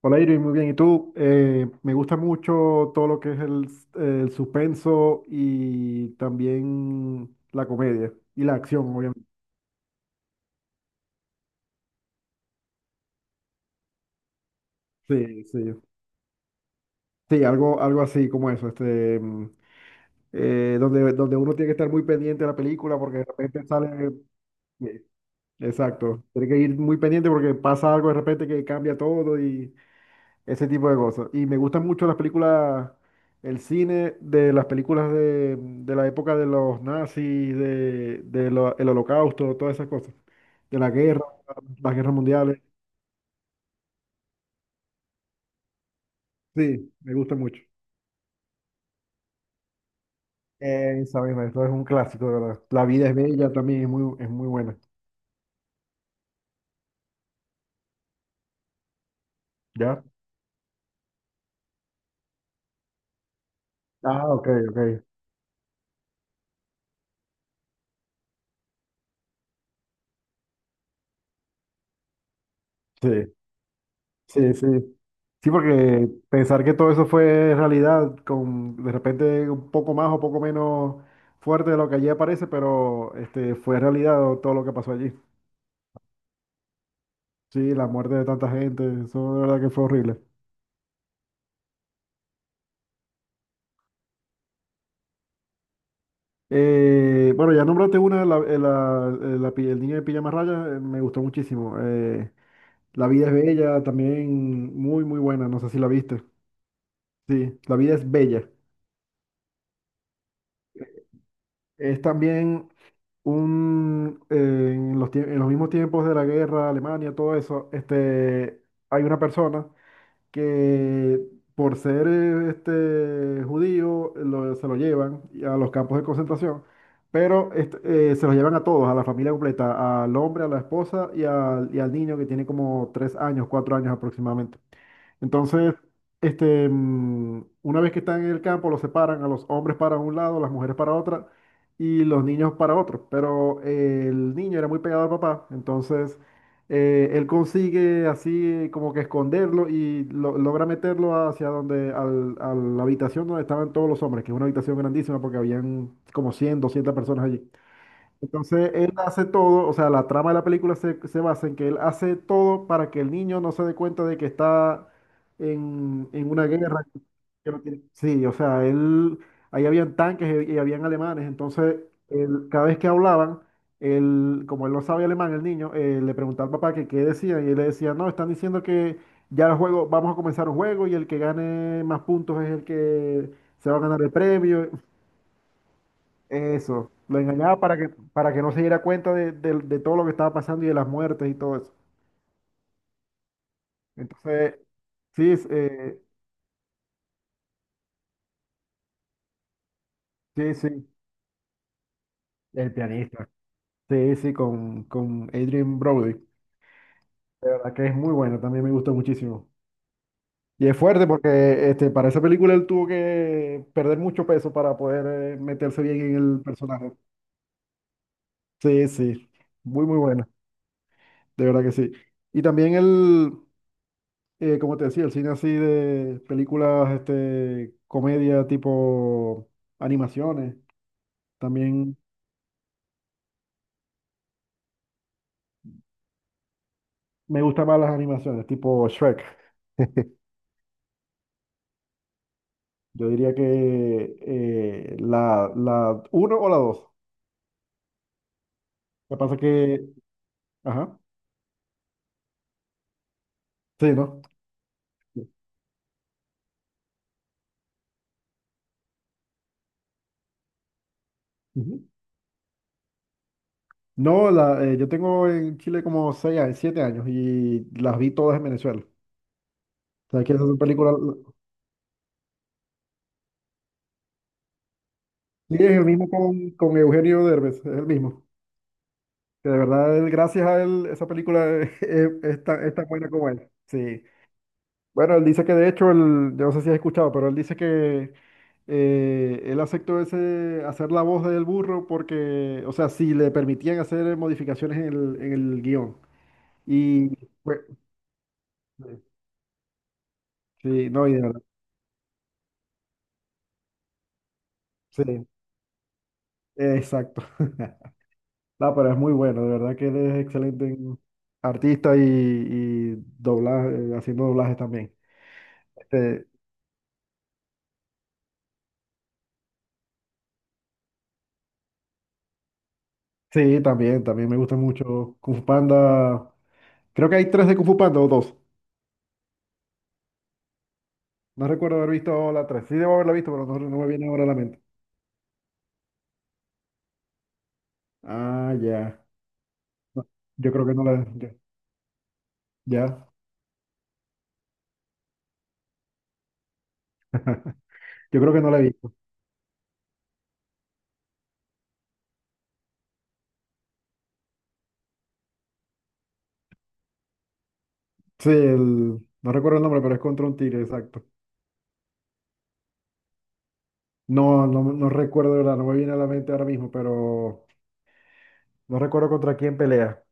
Hola Irving, muy bien. ¿Y tú? Me gusta mucho todo lo que es el suspenso y también la comedia y la acción, obviamente. Sí, sí. Sí, algo así como eso, donde uno tiene que estar muy pendiente de la película porque de repente sale. Sí, exacto. Tiene que ir muy pendiente porque pasa algo de repente que cambia todo. Y, Ese tipo de cosas. Y me gustan mucho las películas, el cine de las películas de la época de los nazis, el holocausto, todas esas cosas. De la guerra, las guerras mundiales. Sí, me gusta mucho. Esa misma, eso es un clásico, de verdad. La vida es bella también, es muy buena. ¿Ya? Ah, ok, ok. Sí. Sí, sí. Sí, porque pensar que todo eso fue realidad, con de repente un poco más o poco menos fuerte de lo que allí aparece, pero fue realidad todo lo que pasó allí. Sí, la muerte de tanta gente, eso de verdad que fue horrible. Bueno, ya nombraste una, el niño de pijama raya, me gustó muchísimo. La vida es bella, también muy, muy buena, no sé si la viste. Sí, La vida es bella. Es también un, en en los mismos tiempos de la guerra, Alemania, todo eso, hay una persona que por ser judío se lo llevan a los campos de concentración, pero se los llevan a todos, a la familia completa, al hombre, a la esposa y al niño que tiene como 3 años, 4 años aproximadamente. Entonces, una vez que están en el campo, los separan a los hombres para un lado, las mujeres para otra y los niños para otro. Pero el niño era muy pegado al papá, entonces él consigue así como que esconderlo y logra meterlo hacia a la habitación donde estaban todos los hombres, que es una habitación grandísima porque habían como 100, 200 personas allí. Entonces él hace todo, o sea, la trama de la película se basa en que él hace todo para que el niño no se dé cuenta de que está en una guerra. Que no tiene- Sí, o sea, él, ahí habían tanques y habían alemanes, entonces él, cada vez que hablaban, él, como él no sabía alemán, el niño, le preguntaba al papá que qué decían y él le decía, no, están diciendo que ya el juego, vamos a comenzar un juego y el que gane más puntos es el que se va a ganar el premio. Eso, lo engañaba para que no se diera cuenta de todo lo que estaba pasando y de las muertes y todo eso. Entonces, sí, es, eh, sí, sí, el pianista. Sí, sí, con Adrien Brody. De verdad que es muy bueno, también me gustó muchísimo. Y es fuerte porque para esa película él tuvo que perder mucho peso para poder meterse bien en el personaje. Sí, sí, muy, muy buena, de verdad que sí. Y también el, como te decía, el cine así de películas, comedia tipo animaciones. También me gustan más las animaciones, tipo Shrek. Yo diría que la uno o la dos. Lo que pasa que, ajá, sí, ¿no? Ujú. No, yo tengo en Chile como seis, 7 años y las vi todas en Venezuela. O sea, que esas son películas. Sí, es el mismo con Eugenio Derbez, es el mismo. Que de verdad, él, gracias a él, esa película es tan buena como él. Sí. Bueno, él dice que de hecho, yo no sé si has escuchado, pero él dice que él aceptó ese, hacer la voz del burro porque, o sea, si le permitían hacer modificaciones en en el guión. Y fue- sí, no, y de verdad. Sí, exacto. No, pero es muy bueno, de verdad que él es excelente en artista y doblaje, haciendo doblajes también. Este, Sí, también, también me gusta mucho Kung Fu Panda. Creo que hay tres de Kung Fu Panda o dos. No recuerdo haber visto la tres. Sí, debo haberla visto, pero no, no me viene ahora a la mente. Ah, ya. No, yo creo que no la. Ya. Ya. Yo creo que no la he visto. Sí, el, no recuerdo el nombre, pero es contra un tigre, exacto. No, no, no recuerdo, de verdad, no me viene a la mente ahora mismo, pero no recuerdo contra quién pelea.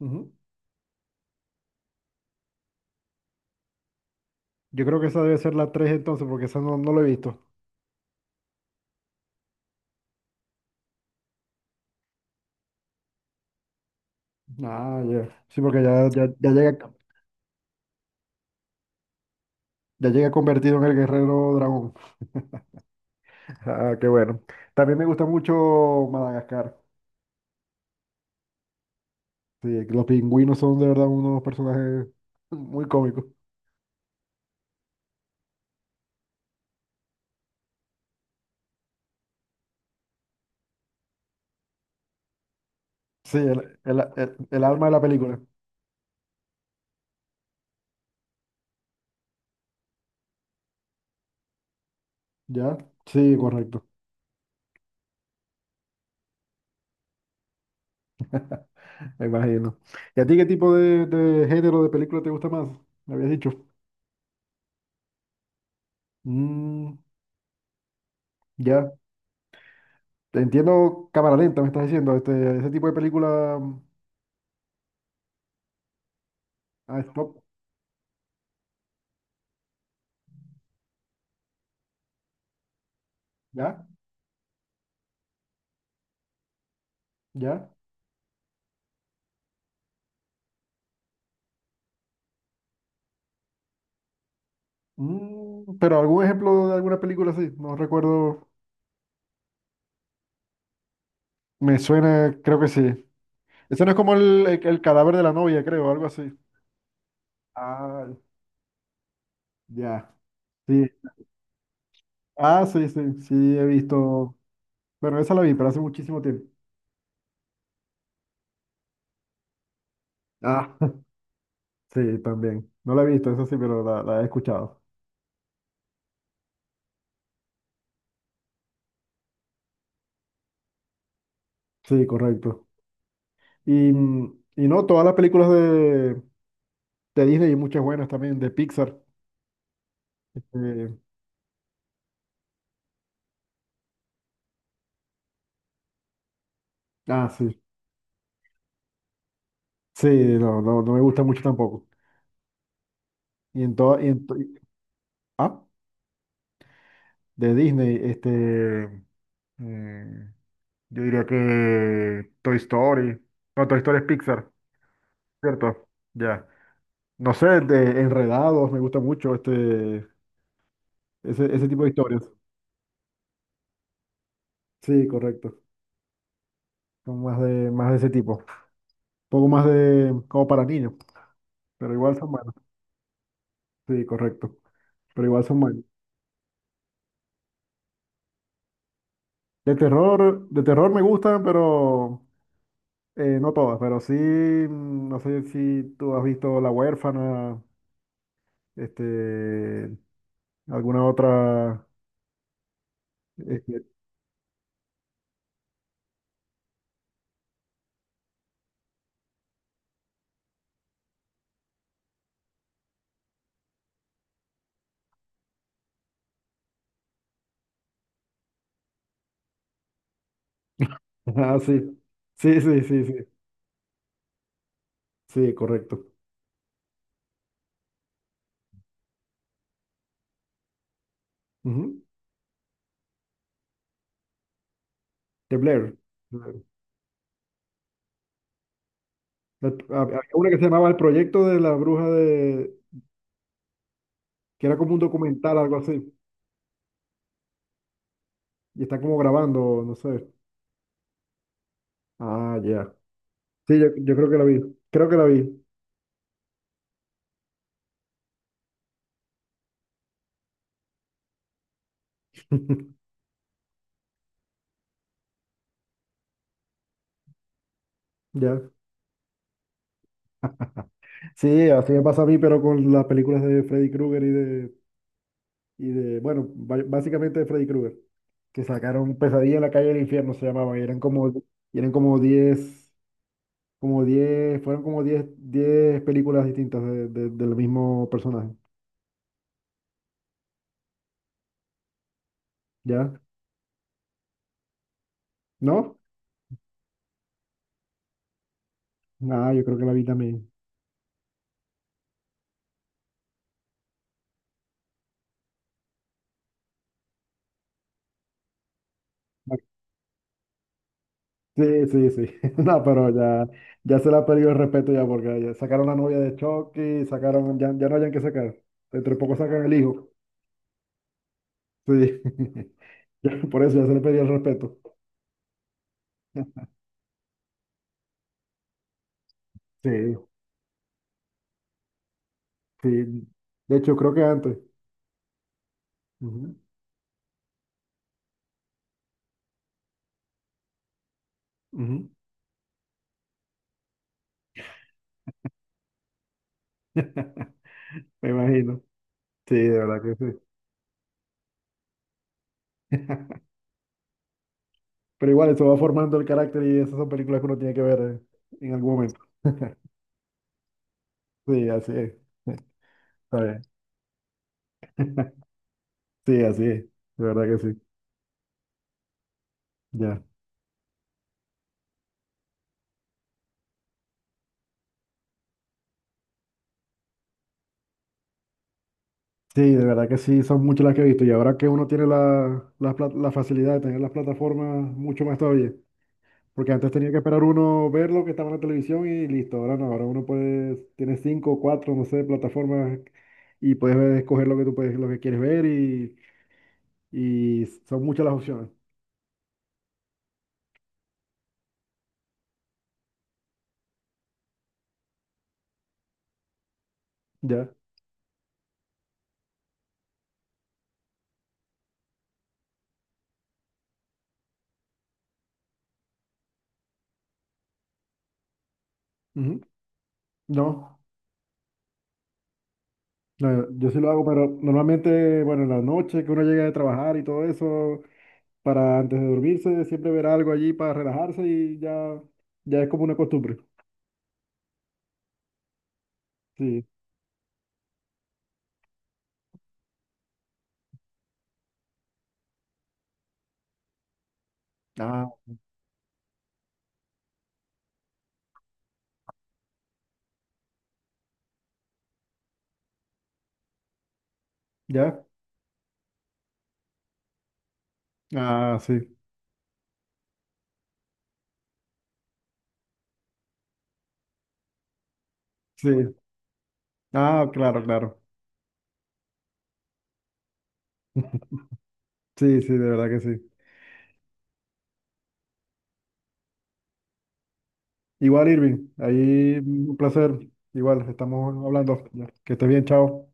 Ujú. Yo creo que esa debe ser la tres entonces, porque esa no, no la he visto. Ah, ya. Sí, porque ya, ya, ya llega convertido en el guerrero dragón. Ah, qué bueno. También me gusta mucho Madagascar. Sí, los pingüinos son de verdad unos personajes muy cómicos. Sí, el alma de la película. ¿Ya? Sí, correcto. Me imagino. ¿Y a ti qué tipo de género de película te gusta más? Me habías dicho. Mm, ya. Entiendo cámara lenta, me estás diciendo. Este, ese tipo de película a stop. ¿Ya? ¿Ya? Pero algún ejemplo de alguna película así. No recuerdo. Me suena, creo que sí. Ese no es como el cadáver de la novia, creo, algo así. Ah, ya. Sí. Ah, sí, sí, sí, he visto. Bueno, esa la vi, pero hace muchísimo tiempo. Ah, sí, también. No la he visto, esa sí, pero la he escuchado. Sí, correcto. Y no, todas las películas de Disney y muchas buenas también, de Pixar. Eh, sí. Sí, no, no, no me gusta mucho tampoco. Y en todas, y ah, de Disney, mm, yo diría que Toy Story. No, Toy Story es Pixar, ¿cierto? Ya. No sé, de Enredados, me gusta mucho ese tipo de historias. Sí, correcto. Son más de ese tipo. Un poco más de, como para niños, pero igual son buenos. Sí, correcto. Pero igual son buenos. De terror me gustan, pero no todas. Pero sí, no sé si tú has visto La Huérfana, este, alguna otra. este, Ah, sí. Sí, sí, sí, sí. Sí, correcto. Ujú. De Blair. Blair. Había una que se llamaba El Proyecto de la Bruja de... que era como un documental, algo así. Y está como grabando, no sé. Ah, ya. Sí, yo creo que la vi. Creo que la vi. Ya. Sí, así me pasa a mí, pero con las películas de Freddy Krueger y de... básicamente de Freddy Krueger. Que sacaron Pesadilla en la calle del infierno, se llamaban. Y eran como 10 fueron como 10 10 películas distintas del mismo personaje. ¿Ya? ¿No? Nada, yo creo que la vi también. Ah, sí, sí, sí. No, pero ya, ya se le ha perdido el respeto ya porque ya sacaron la novia de Chucky, sacaron, ya, ya no hayan que sacar. Entre poco sacan el hijo. Sí. Ya, por eso ya se le perdió el respeto. Sí, sí. De hecho, creo que antes. Ujú, ujú. Me imagino. Sí, de verdad que sí. Pero igual eso va formando el carácter y esas son películas que uno tiene que ver en algún momento. Sí, así es. Está bien. Sí, así es. De verdad que sí. Ya. Sí, de verdad que sí, son muchas las que he visto. Y ahora que uno tiene la facilidad de tener las plataformas, mucho más todavía. Porque antes tenía que esperar uno ver lo que estaba en la televisión y listo. Ahora no, ahora uno puede, tiene cinco, cuatro, no sé, plataformas y escoger lo que tú puedes, lo que quieres ver y son muchas las opciones. Ya. Ujú. No. No, yo sí lo hago, pero normalmente, bueno, en la noche que uno llega de trabajar y todo eso, para antes de dormirse, siempre ver algo allí para relajarse y ya, ya es como una costumbre. Sí. Ah, ¿ya? Ah, sí. Sí. Ah, claro, claro. Sí, sí, de verdad que sí. Igual, Irving, ahí un placer. Igual, estamos hablando. Ya, que estés bien, chao.